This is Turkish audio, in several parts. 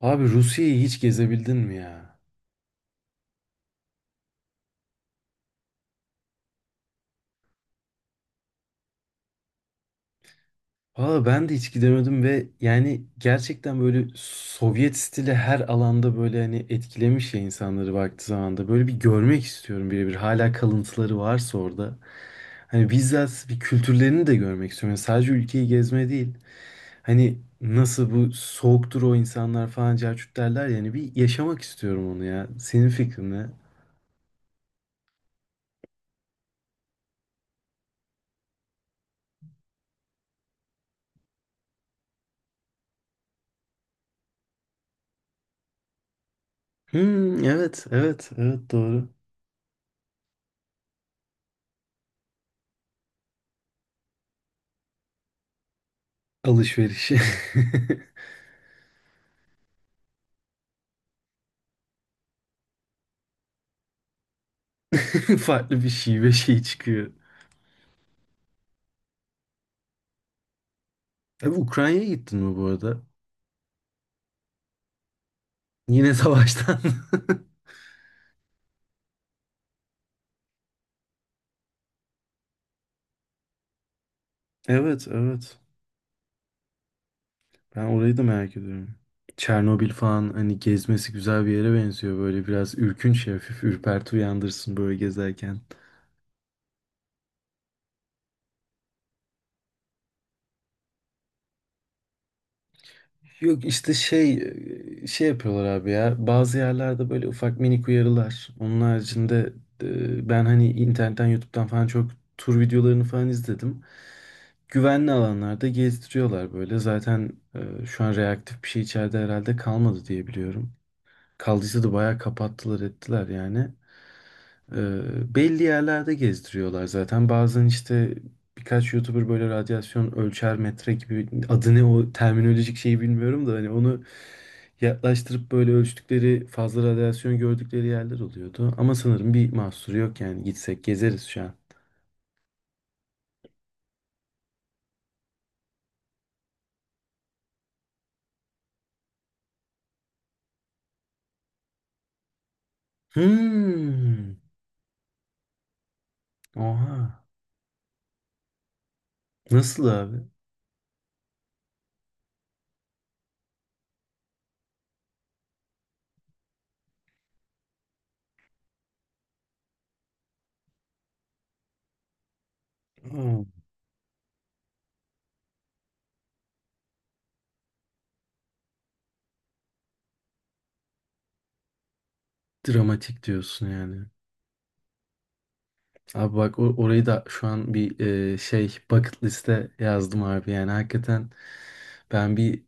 Abi Rusya'yı hiç gezebildin mi ya? Valla ben de hiç gidemedim ve yani gerçekten böyle Sovyet stili her alanda böyle hani etkilemiş ya insanları baktığı zamanda. Böyle bir görmek istiyorum birebir. Hala kalıntıları varsa orada. Hani bizzat bir kültürlerini de görmek istiyorum. Yani sadece ülkeyi gezme değil. Hani nasıl bu soğuktur o insanlar falan cahçut derler yani bir yaşamak istiyorum onu ya. Senin fikrin ne? Hmm, evet, evet, evet doğru. Alışveriş. Farklı bir şive şey çıkıyor. Abi Ukrayna'ya gittin mi bu arada? Yine savaştan. Evet, evet. Ben orayı da merak ediyorum. Çernobil falan hani gezmesi güzel bir yere benziyor. Böyle biraz ürkünç, hafif ürperti uyandırsın böyle gezerken. Yok işte şey şey yapıyorlar abi ya. Bazı yerlerde böyle ufak minik uyarılar. Onun haricinde ben hani internetten, YouTube'dan falan çok tur videolarını falan izledim. Güvenli alanlarda gezdiriyorlar böyle. Zaten şu an reaktif bir şey içeride herhalde kalmadı diye biliyorum. Kaldıysa da bayağı kapattılar ettiler yani. Belli yerlerde gezdiriyorlar zaten. Bazen işte birkaç YouTuber böyle radyasyon ölçer metre gibi adı ne o terminolojik şeyi bilmiyorum da hani onu yaklaştırıp böyle ölçtükleri fazla radyasyon gördükleri yerler oluyordu. Ama sanırım bir mahsuru yok yani gitsek gezeriz şu an. Hmm. Oha. Nasıl abi? Hmm. Dramatik diyorsun yani. Abi bak orayı da şu an bir şey bucket liste yazdım abi yani hakikaten ben bir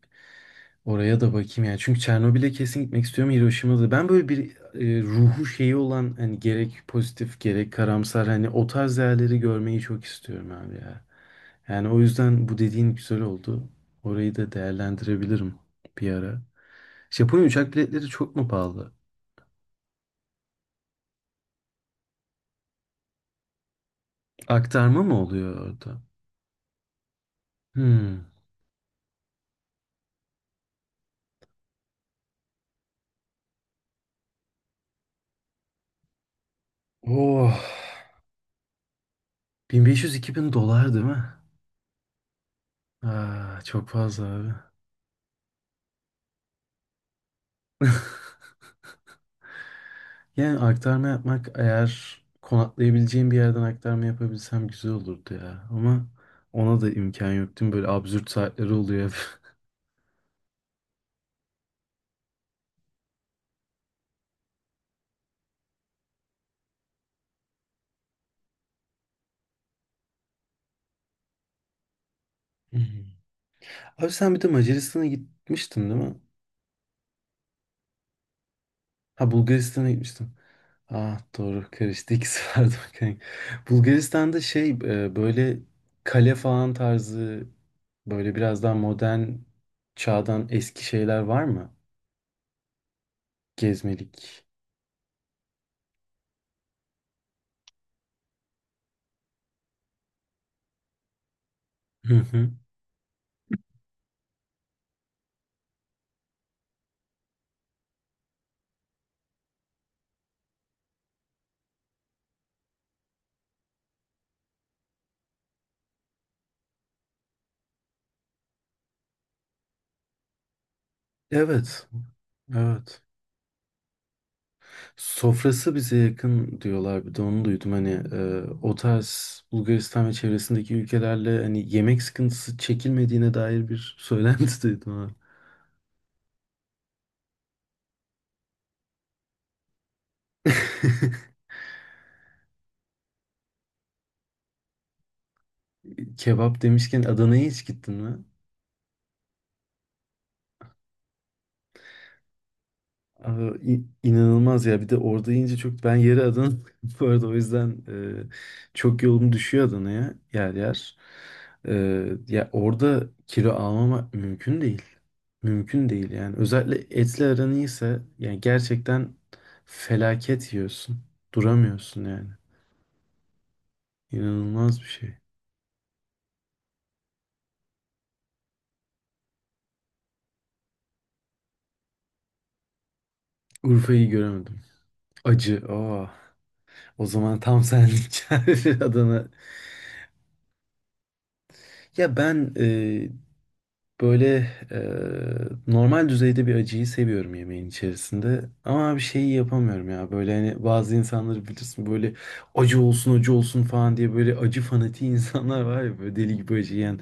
oraya da bakayım yani. Çünkü Çernobil'e kesin gitmek istiyorum. Hiroşima'da. Ben böyle bir ruhu şeyi olan hani gerek pozitif gerek karamsar hani o tarz yerleri görmeyi çok istiyorum abi ya. Yani o yüzden bu dediğin güzel oldu. Orayı da değerlendirebilirim bir ara. Japonya uçak biletleri çok mu pahalı? Aktarma mı oluyor orada? Hmm. Oh. 1500-2000 dolar değil mi? Aa, çok fazla abi. Yani aktarma yapmak eğer konaklayabileceğim bir yerden aktarma yapabilsem güzel olurdu ya. Ama ona da imkan yok değil mi? Böyle absürt saatleri oluyor hep. Hmm. Abi sen bir de Macaristan'a gitmiştin değil mi? Ha, Bulgaristan'a gitmiştin. Ah, doğru karıştı ikisi vardı bakayım. Bulgaristan'da şey böyle kale falan tarzı böyle biraz daha modern çağdan eski şeyler var mı? Gezmelik. Hı hı. Evet. Evet. Sofrası bize yakın diyorlar. Bir de onu duydum. Hani o tarz Bulgaristan ve çevresindeki ülkelerle hani yemek sıkıntısı çekilmediğine dair bir söylenti duydum. Ha. Kebap demişken Adana'ya hiç gittin mi? Abi, inanılmaz ya. Bir de orada yiyince çok ben yeri Adana bu arada o yüzden çok yolum düşüyor Adana'ya yer yer. E, ya orada kilo almamak mümkün değil. Mümkün değil yani. Özellikle etli aran iyiyse yani gerçekten felaket yiyorsun. Duramıyorsun yani. İnanılmaz bir şey. Urfa'yı göremedim. Acı. Aa. O zaman tam senlik Adana. Ya ben böyle normal düzeyde bir acıyı seviyorum yemeğin içerisinde. Ama bir şeyi yapamıyorum ya. Böyle hani bazı insanları bilirsin böyle acı olsun acı olsun falan diye böyle acı fanatiği insanlar var ya böyle deli gibi acı yiyen.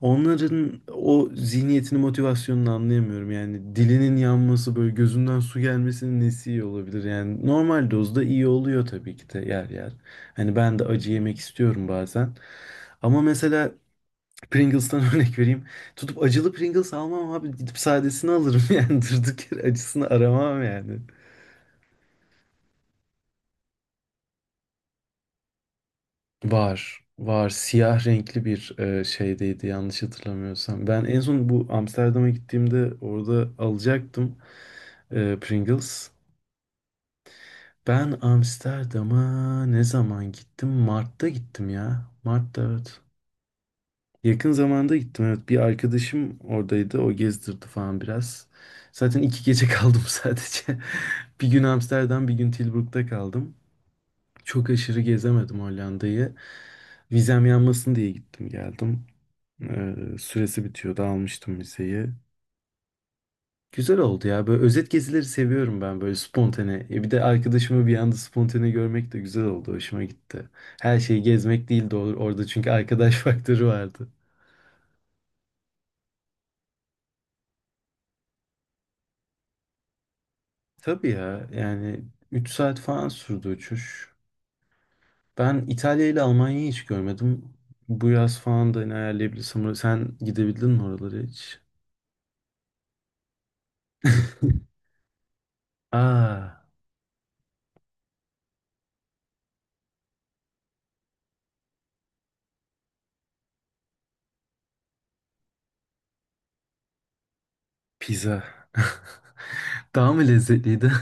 Onların o zihniyetini, motivasyonunu anlayamıyorum. Yani dilinin yanması, böyle gözünden su gelmesinin nesi iyi olabilir? Yani normal dozda iyi oluyor tabii ki de yer yer. Hani ben de acı yemek istiyorum bazen. Ama mesela Pringles'tan örnek vereyim. Tutup acılı Pringles almam abi. Gidip sadesini alırım yani. Durduk yere acısını aramam yani. Var. Var. Siyah renkli bir şeydeydi yanlış hatırlamıyorsam. Ben en son bu Amsterdam'a gittiğimde orada alacaktım Pringles. Ben Amsterdam'a ne zaman gittim? Mart'ta gittim ya. Mart'ta evet. Yakın zamanda gittim evet. Bir arkadaşım oradaydı. O gezdirdi falan biraz. Zaten 2 gece kaldım sadece. Bir gün Amsterdam, bir gün Tilburg'da kaldım. Çok aşırı gezemedim Hollanda'yı. Vizem yanmasın diye gittim geldim. Süresi bitiyordu almıştım vizeyi. Güzel oldu ya. Böyle özet gezileri seviyorum ben böyle spontane. Bir de arkadaşımı bir anda spontane görmek de güzel oldu. Hoşuma gitti. Her şeyi gezmek değil de orada çünkü arkadaş faktörü vardı. Tabii ya yani 3 saat falan sürdü uçuş. Ben İtalya ile Almanya'yı hiç görmedim. Bu yaz falan da hani ayarlayabilirsem. Sen gidebildin mi oralara hiç? Aa, pizza. Daha mı lezzetliydi?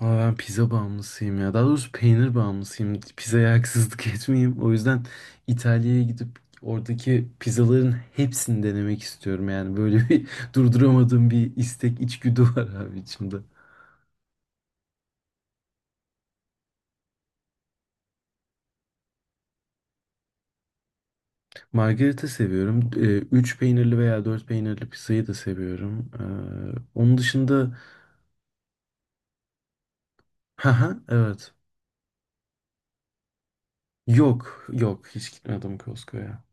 Ama ben pizza bağımlısıyım ya. Daha doğrusu peynir bağımlısıyım. Pizzaya haksızlık etmeyeyim. O yüzden İtalya'ya gidip oradaki pizzaların hepsini denemek istiyorum. Yani böyle bir durduramadığım bir istek, içgüdü var abi içimde. Margarita seviyorum. Üç peynirli veya 4 peynirli pizzayı da seviyorum. Onun dışında... Haha, evet. Yok, yok. Hiç gitmedim Costco'ya.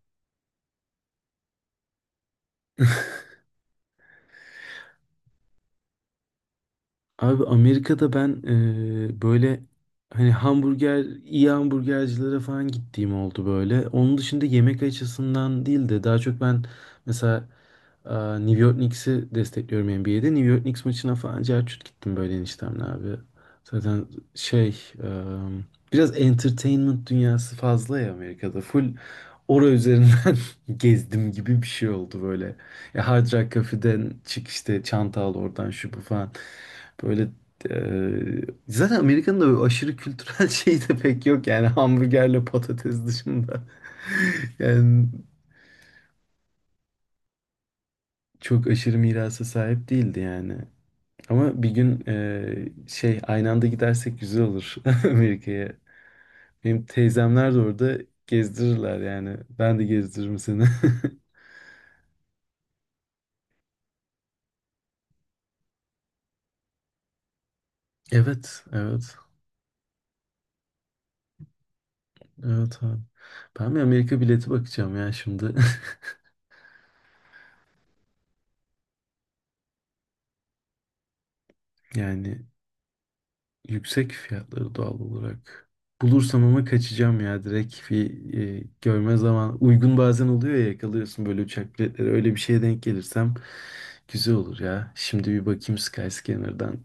Abi Amerika'da ben böyle hani hamburger, iyi hamburgercilere falan gittiğim oldu böyle. Onun dışında yemek açısından değil de daha çok ben mesela e, New York Knicks'i destekliyorum NBA'de. New York Knicks maçına falan cerçut gittim böyle eniştemle abi. Zaten şey e, biraz entertainment dünyası fazla ya Amerika'da. Full ora üzerinden gezdim gibi bir şey oldu böyle. Ya Hard Rock Cafe'den çık işte çanta al oradan şu bu falan. Böyle eee, zaten Amerika'nın da böyle aşırı kültürel şeyi de pek yok yani hamburgerle patates dışında. Yani çok aşırı mirasa sahip değildi yani. Ama bir gün şey aynı anda gidersek güzel olur Amerika'ya. Benim teyzemler de orada gezdirirler yani. Ben de gezdiririm seni. Evet, evet, evet abi. Ben bir Amerika bileti bakacağım ya şimdi. Yani yüksek fiyatları doğal olarak. Bulursam ama kaçacağım ya direkt bir görme zaman uygun bazen oluyor ya yakalıyorsun böyle uçak biletleri öyle bir şeye denk gelirsem güzel olur ya. Şimdi bir bakayım Skyscanner'dan.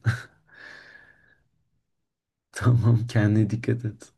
Tamam kendine dikkat et.